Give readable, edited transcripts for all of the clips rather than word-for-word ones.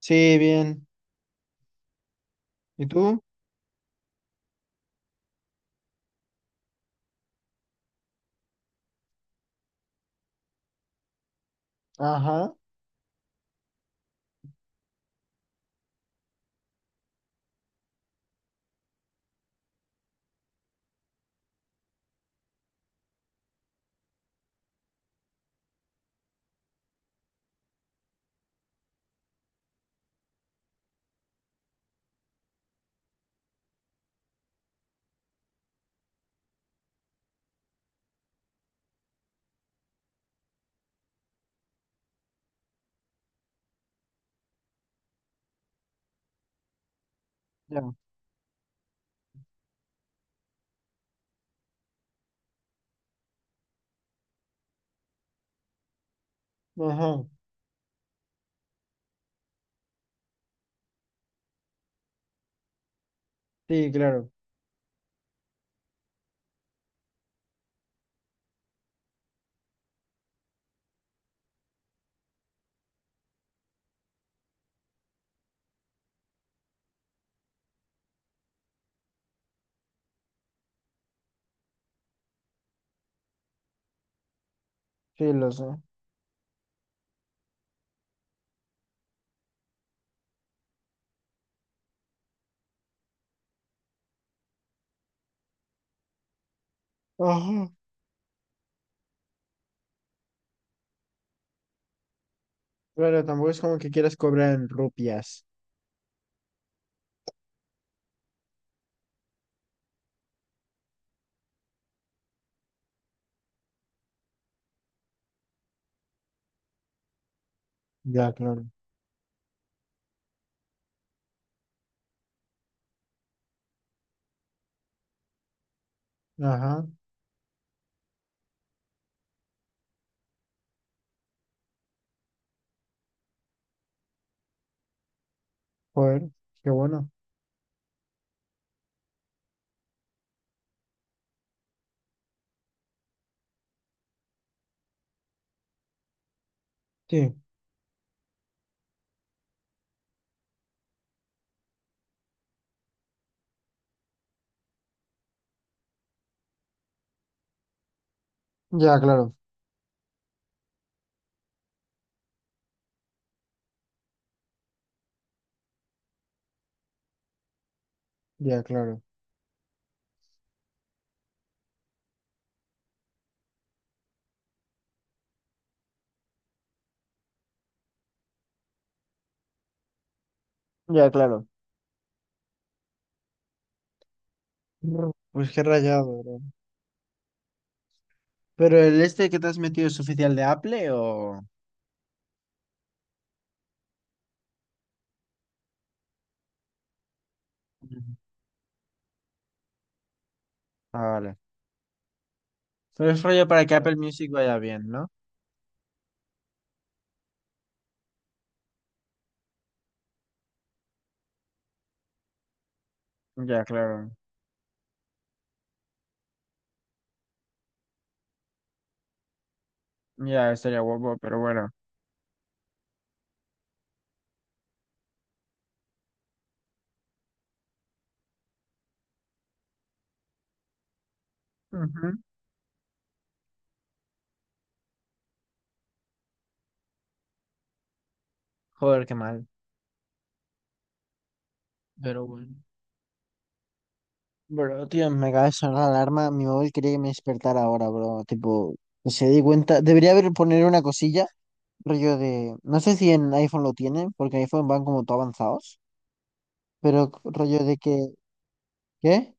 Sí, bien. ¿Y tú? Ajá. Ya. Ajá. Sí, claro. Sí, lo sé. Ajá. Claro, tampoco es como que quieras cobrar en rupias. Ya, claro. Ajá, joder, qué bueno. Sí. Ya, claro, ya, claro. Ya, claro. Brr, pues qué rayado, bro. Pero el este que te has metido es oficial de Apple o... Ujú. Ah, vale. Pero es rollo para que Apple Music vaya bien, ¿no? Ya, claro. Ya, estaría guapo, pero bueno. Ujú. Joder, qué mal. Pero bueno. Bro, tío, me acaba de sonar la alarma. Mi móvil quería que me despertara ahora, bro. Tipo, se di cuenta. Debería haber poner una cosilla, rollo de. No sé si en iPhone lo tienen, porque en iPhone van como todo avanzados. Pero rollo de que. ¿Qué?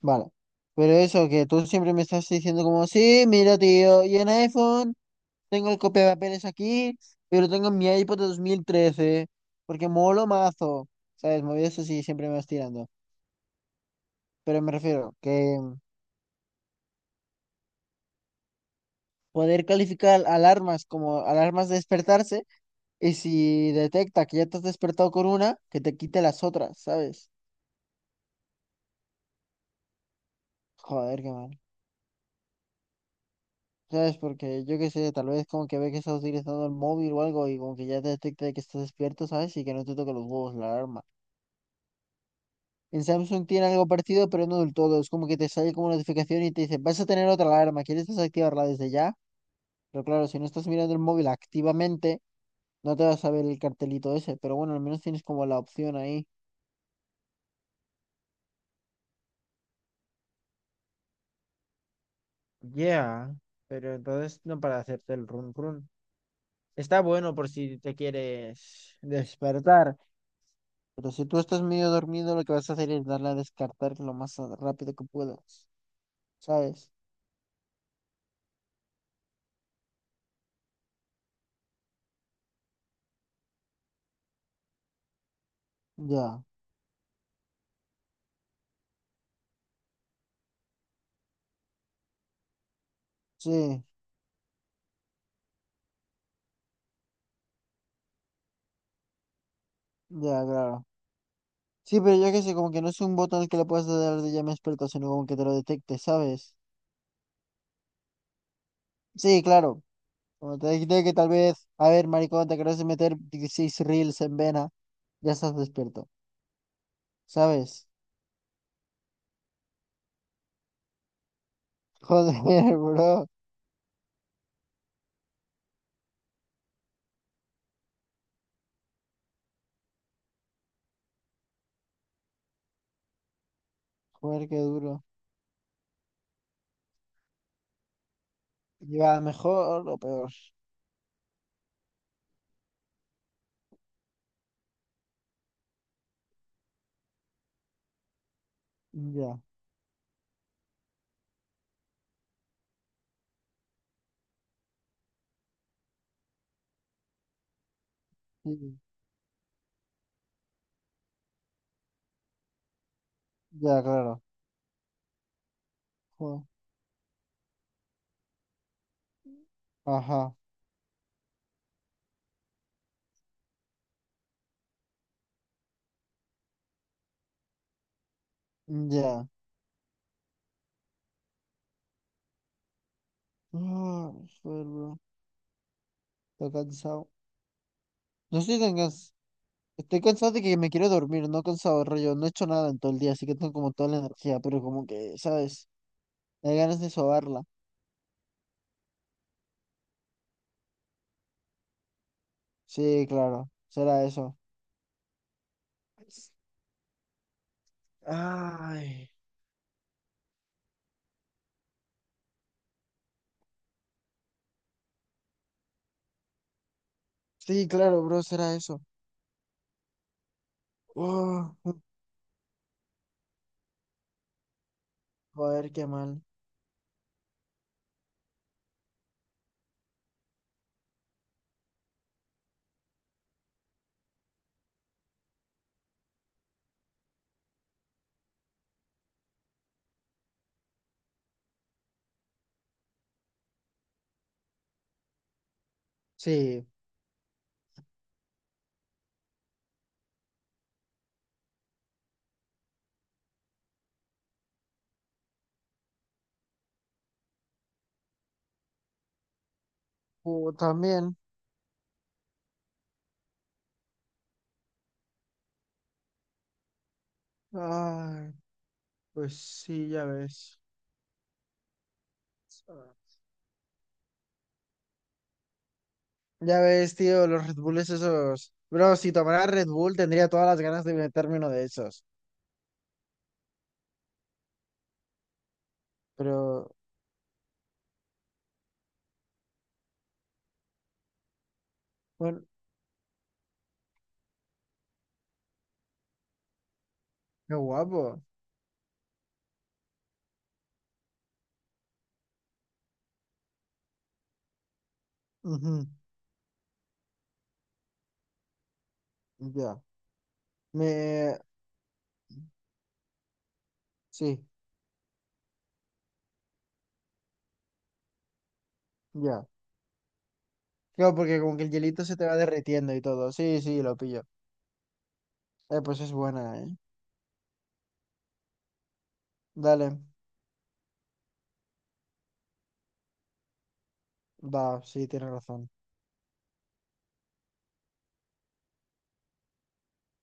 Vale. Pero eso, que tú siempre me estás diciendo como, sí, mira, tío, y en iPhone tengo el papeles aquí, pero tengo mi iPod de 2013 porque molo mazo. ¿Sabes? Movidas así, siempre me vas tirando. Pero me refiero que. Poder calificar alarmas como alarmas de despertarse y si detecta que ya te has despertado con una, que te quite las otras, ¿sabes? Joder, qué mal. ¿Sabes? Porque yo qué sé, tal vez como que ve que estás utilizando el móvil o algo y como que ya te detecta de que estás despierto, ¿sabes? Y que no te toque los huevos la alarma. En Samsung tiene algo parecido pero no del todo. Es como que te sale como notificación y te dice, vas a tener otra alarma, ¿quieres desactivarla desde ya? Pero claro, si no estás mirando el móvil activamente, no te vas a ver el cartelito ese. Pero bueno, al menos tienes como la opción ahí. Yeah, pero entonces no para hacerte el run run. Está bueno por si te quieres despertar, pero si tú estás medio dormido, lo que vas a hacer es darle a descartar lo más rápido que puedas, ¿sabes? Ya, sí, ya, claro. Sí, pero yo qué sé, como que no es un botón que le puedas dar de ya me experto, sino como que te lo detecte, ¿sabes? Sí, claro. Como te dije que tal vez, a ver, maricón, te querés meter 16 reels en vena, ya estás despierto, ¿sabes? Joder, bro. Joder, qué duro. ¿Iba mejor o peor? Ya, sí, ya, claro. Joder. Ajá, ya. Ah, joder, bro. Estoy cansado. No estoy tan cansado. Estoy cansado de que me quiero dormir, no cansado, rollo. No he hecho nada en todo el día, así que tengo como toda la energía, pero como que, ¿sabes? Hay ganas de sobarla. Sí, claro, será eso. Ay, sí, claro, bro, será eso. Oh, joder, qué mal. Sí, también. Ay, pues sí, ya ves. Ya ves, tío, los Red Bulls esos. Bro, si tomara Red Bull tendría todas las ganas de meterme uno de esos. Pero, bueno, qué guapo. Ujú. Ya. Me. Sí, ya. Claro, porque como que el hielito se te va derritiendo y todo. Sí, sí, lo pillo. Pues es buena, ¿eh? Dale. Va, sí, tienes razón.